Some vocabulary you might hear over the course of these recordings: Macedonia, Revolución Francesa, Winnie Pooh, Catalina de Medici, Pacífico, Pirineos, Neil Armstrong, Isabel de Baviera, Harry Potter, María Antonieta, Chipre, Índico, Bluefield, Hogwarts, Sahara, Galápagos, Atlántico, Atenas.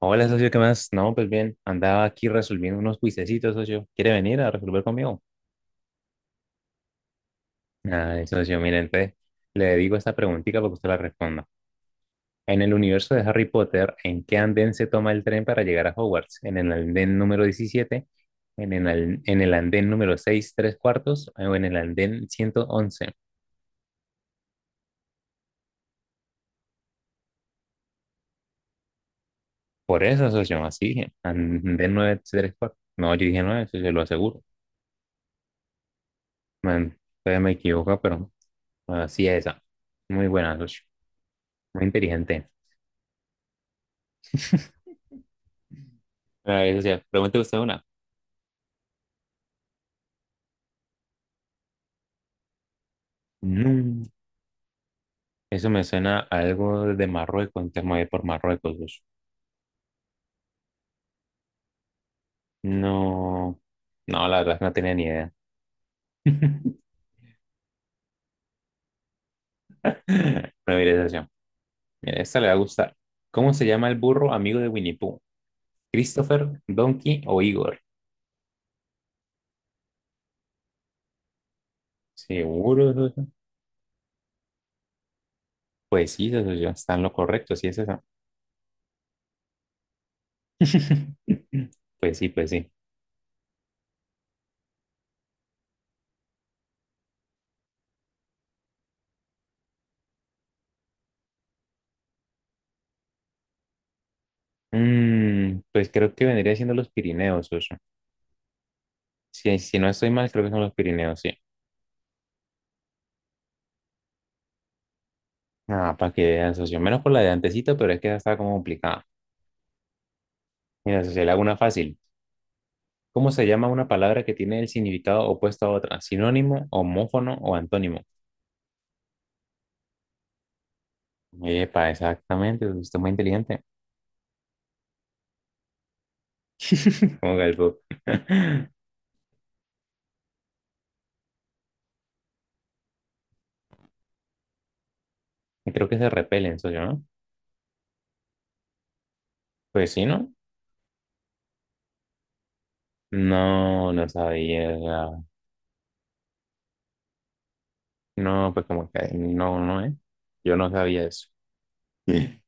Hola, socio, ¿qué más? No, pues bien, andaba aquí resolviendo unos cuisecitos, socio. ¿Quiere venir a resolver conmigo? Ay, socio, mire, entonces le digo esta preguntita para que usted la responda. En el universo de Harry Potter, ¿en qué andén se toma el tren para llegar a Hogwarts? ¿En el andén número diecisiete? ¿En el, en el andén número 6 3 cuartos? ¿O en el andén ciento once? Por eso, socio, así dije. Andén 9 3 cuartos. No, yo dije 9, socio, lo aseguro. Man, todavía me equivoco, pero así es esa. Muy buena, socio. Muy inteligente. A ver, o sea, pregúntale usted una. Mm, eso me suena a algo de Marruecos, entonces me voy por Marruecos. Pues. No, no, la verdad es que no tenía ni idea. Pero mire, esa sí. Mire, esta le va a gustar. ¿Cómo se llama el burro amigo de Winnie Pooh? ¿Christopher, Donkey o Igor? Seguro, eso sí. Pues sí, eso sí, está en lo correcto, sí es eso. Pues sí, pues sí. Pues creo que vendría siendo los Pirineos, socio. Si, si no estoy mal, creo que son los Pirineos, sí. Ah, para que vean, socio. Menos por la de antecito, pero es que esa está como complicada. Mira, socio, le hago una fácil. ¿Cómo se llama una palabra que tiene el significado opuesto a otra? ¿Sinónimo, homófono o antónimo? Epa, exactamente, socio, usted es muy inteligente. Como Galpo. Y creo que se repelen, socio, ¿no? Pues sí, ¿no? No, no sabía. No, pues como que no, no, ¿eh? Yo no sabía eso.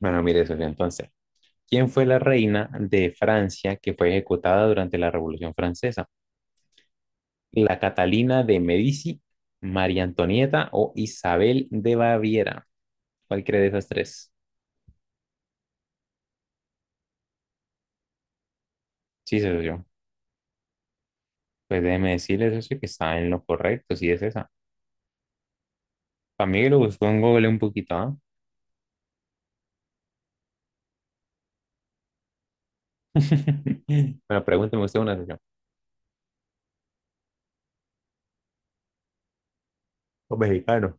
Bueno, mire, socio, entonces. ¿Quién fue la reina de Francia que fue ejecutada durante la Revolución Francesa? La Catalina de Medici, María Antonieta o Isabel de Baviera. ¿Cuál cree de esas tres? Sí, eso yo. Pues déjeme decirles eso que está en lo correcto. Sí es esa. Para mí que lo buscó en Google un poquito, ¿ah? Bueno, pregúnteme usted una, socio. Los mexicanos.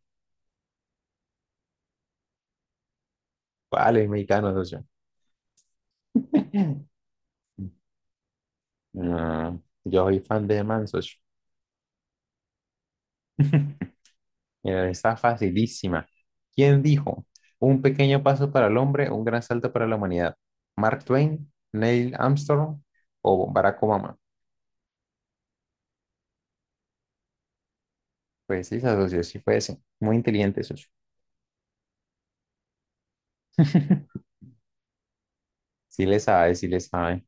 ¿Cuál es mexicano, socio? No, yo soy fan de Man, socio. Mira, está facilísima. ¿Quién dijo? Un pequeño paso para el hombre, un gran salto para la humanidad. ¿Mark Twain, Neil Armstrong o Barack Obama? Pues sí, socio, sí fue ese. Muy inteligente, socio. Sí le sabe, sí le sabe.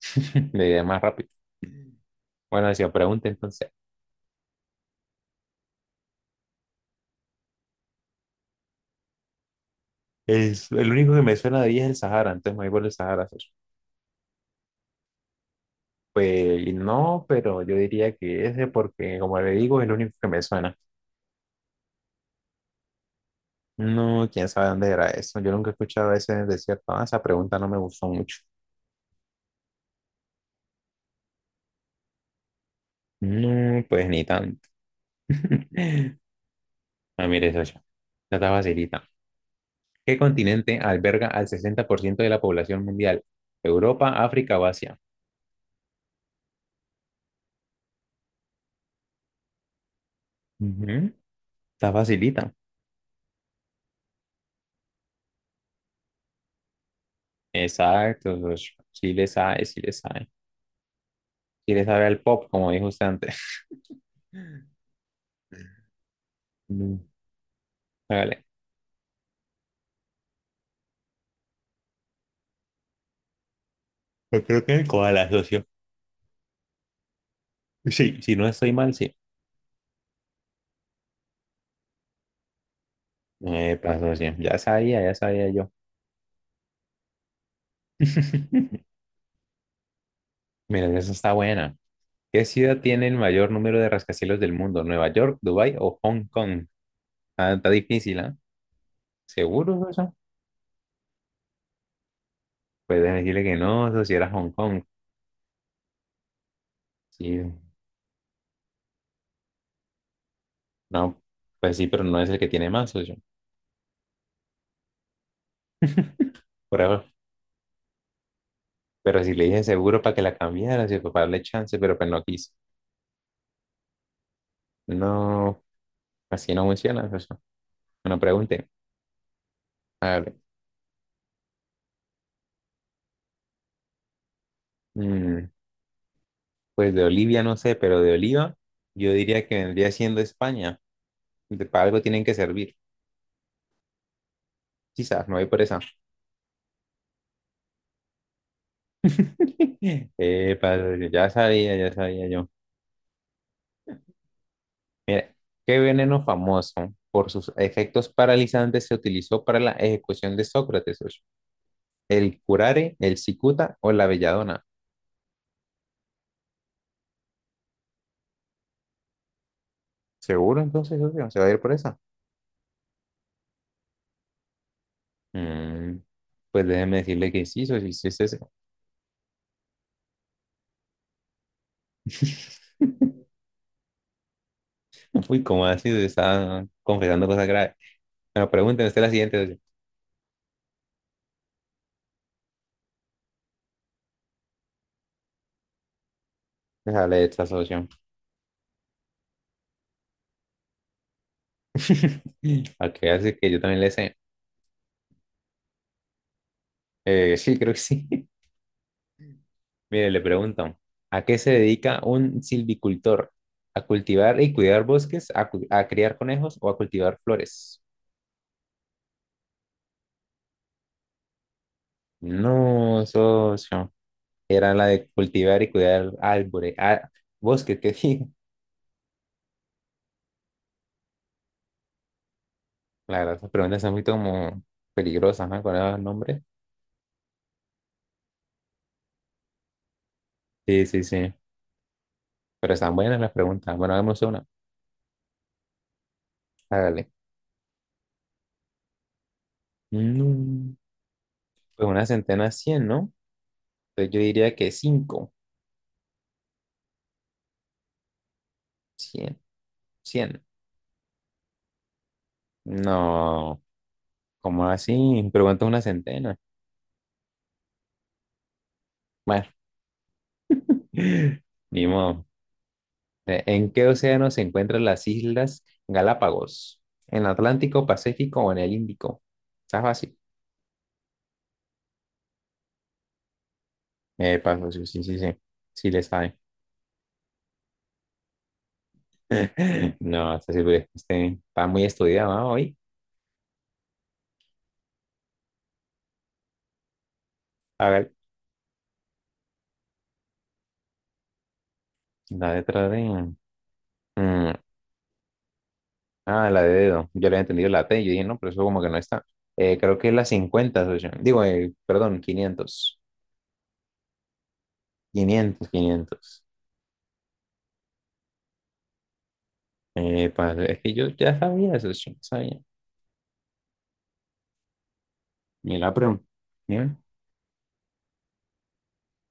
Le idea más rápido. Bueno, si pregunta entonces. Es, el único que me suena de ahí es el Sahara, entonces me voy por el Sahara, socio. Pues no, pero yo diría que ese porque, como le digo, es el único que me suena. No, quién sabe dónde era eso. Yo nunca he escuchado ese desierto. Ah, esa pregunta no me gustó mucho. No, pues ni tanto. Ah, mire eso ya. Ya está facilita. ¿Qué continente alberga al 60% de la población mundial? ¿Europa, África o Asia? Ujú, está facilita. Exacto, socio. Sí le sabe, sí le sabe. Sí le sabe al pop, como dijo usted antes. Mm. Hágale. Yo creo que el koala, socio. Sí, si no estoy mal, sí. Epa, socio. Ya sabía yo. Mira, esa está buena. ¿Qué ciudad tiene el mayor número de rascacielos del mundo? ¿Nueva York, Dubái o Hong Kong? Ah, está difícil, ¿ah? ¿Seguro eso? Puedes decirle que no, eso si era Hong Kong. Sí, no, pues sí, pero no es el que tiene más, socio. Por ahora. Pero si le dije seguro para que la cambiara, si para darle chance, pero pues no quiso. No, así no funciona, socio. Bueno, pregunte. A ver, mm, pues de Olivia no sé, pero de Oliva yo diría que vendría siendo España. De- para algo tienen que servir. Quizás, me voy por esa. Padre, ya sabía yo. Mira, ¿qué veneno famoso por sus efectos paralizantes se utilizó para la ejecución de Sócrates, socio? ¿El curare, el cicuta o la belladona? ¿Seguro entonces, socio? ¿Se va a ir por esa? Mm, pues déjeme decirle que sí, socio, sí sí, es eso. Uy, ¿cómo así? Se está confesando cosas graves. Bueno, pregúnteme usted la siguiente, socio. Déjale esta, socio. A qué hace que yo también le sé. Sí, creo que sí. Mire, le pregunto, ¿a qué se dedica un silvicultor? ¿A cultivar y cuidar bosques? ¿A, a criar conejos o a cultivar flores? No, socio. Era la de cultivar y cuidar árboles, ah, bosques, que dije. La verdad, esas preguntas son muy como peligrosas, ¿no? Con esos nombres. Sí, sí, sí. Pero están buenas las preguntas. Bueno, hagamos una. Hágale. Mm, pues una centena, cien, ¿no? Entonces yo diría que cinco. Cien, cien. No. ¿Cómo así? Pero cuánto es una centena. Bueno, ni modo. ¿En qué océano se encuentran las islas Galápagos? ¿En el Atlántico, Pacífico o en el Índico? Está fácil. Paso, sí, sí, sí, sí. Sí le sabe. No, está, sí, pues, este, está muy estudiado, ¿no? Hoy. A ver, la letra de... mm, ah, la de dedo. Yo le he entendido la T. Yo dije, no, pero eso como que no está. Creo que es la cincuenta, socio. Digo, perdón, 500, 500, 500. Epa, es que yo ya sabía, socio, sabía. Mira la pregunta. Mira.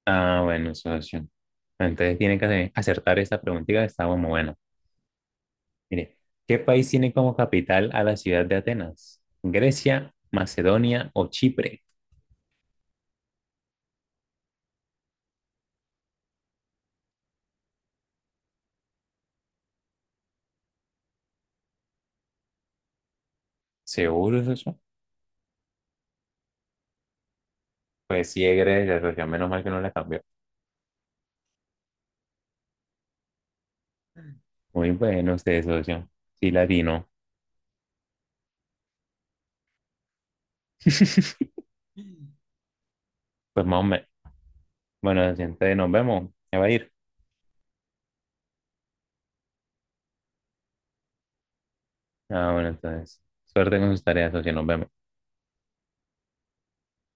Ah, bueno, socio. Entonces tiene que acertar esta preguntita que está muy buena. Mire, ¿qué país tiene como capital a la ciudad de Atenas? ¿Grecia, Macedonia o Chipre? ¿Seguro, socio? Pues sí, es Grecia, socio. Menos mal que no la cambió. Muy bueno usted, socio. Sí, latino. Pues más o menos. Bueno, socio, entonces nos vemos. Ya va a ir. Ah, bueno, entonces. Suerte con sus tareas, socio. Nos vemos.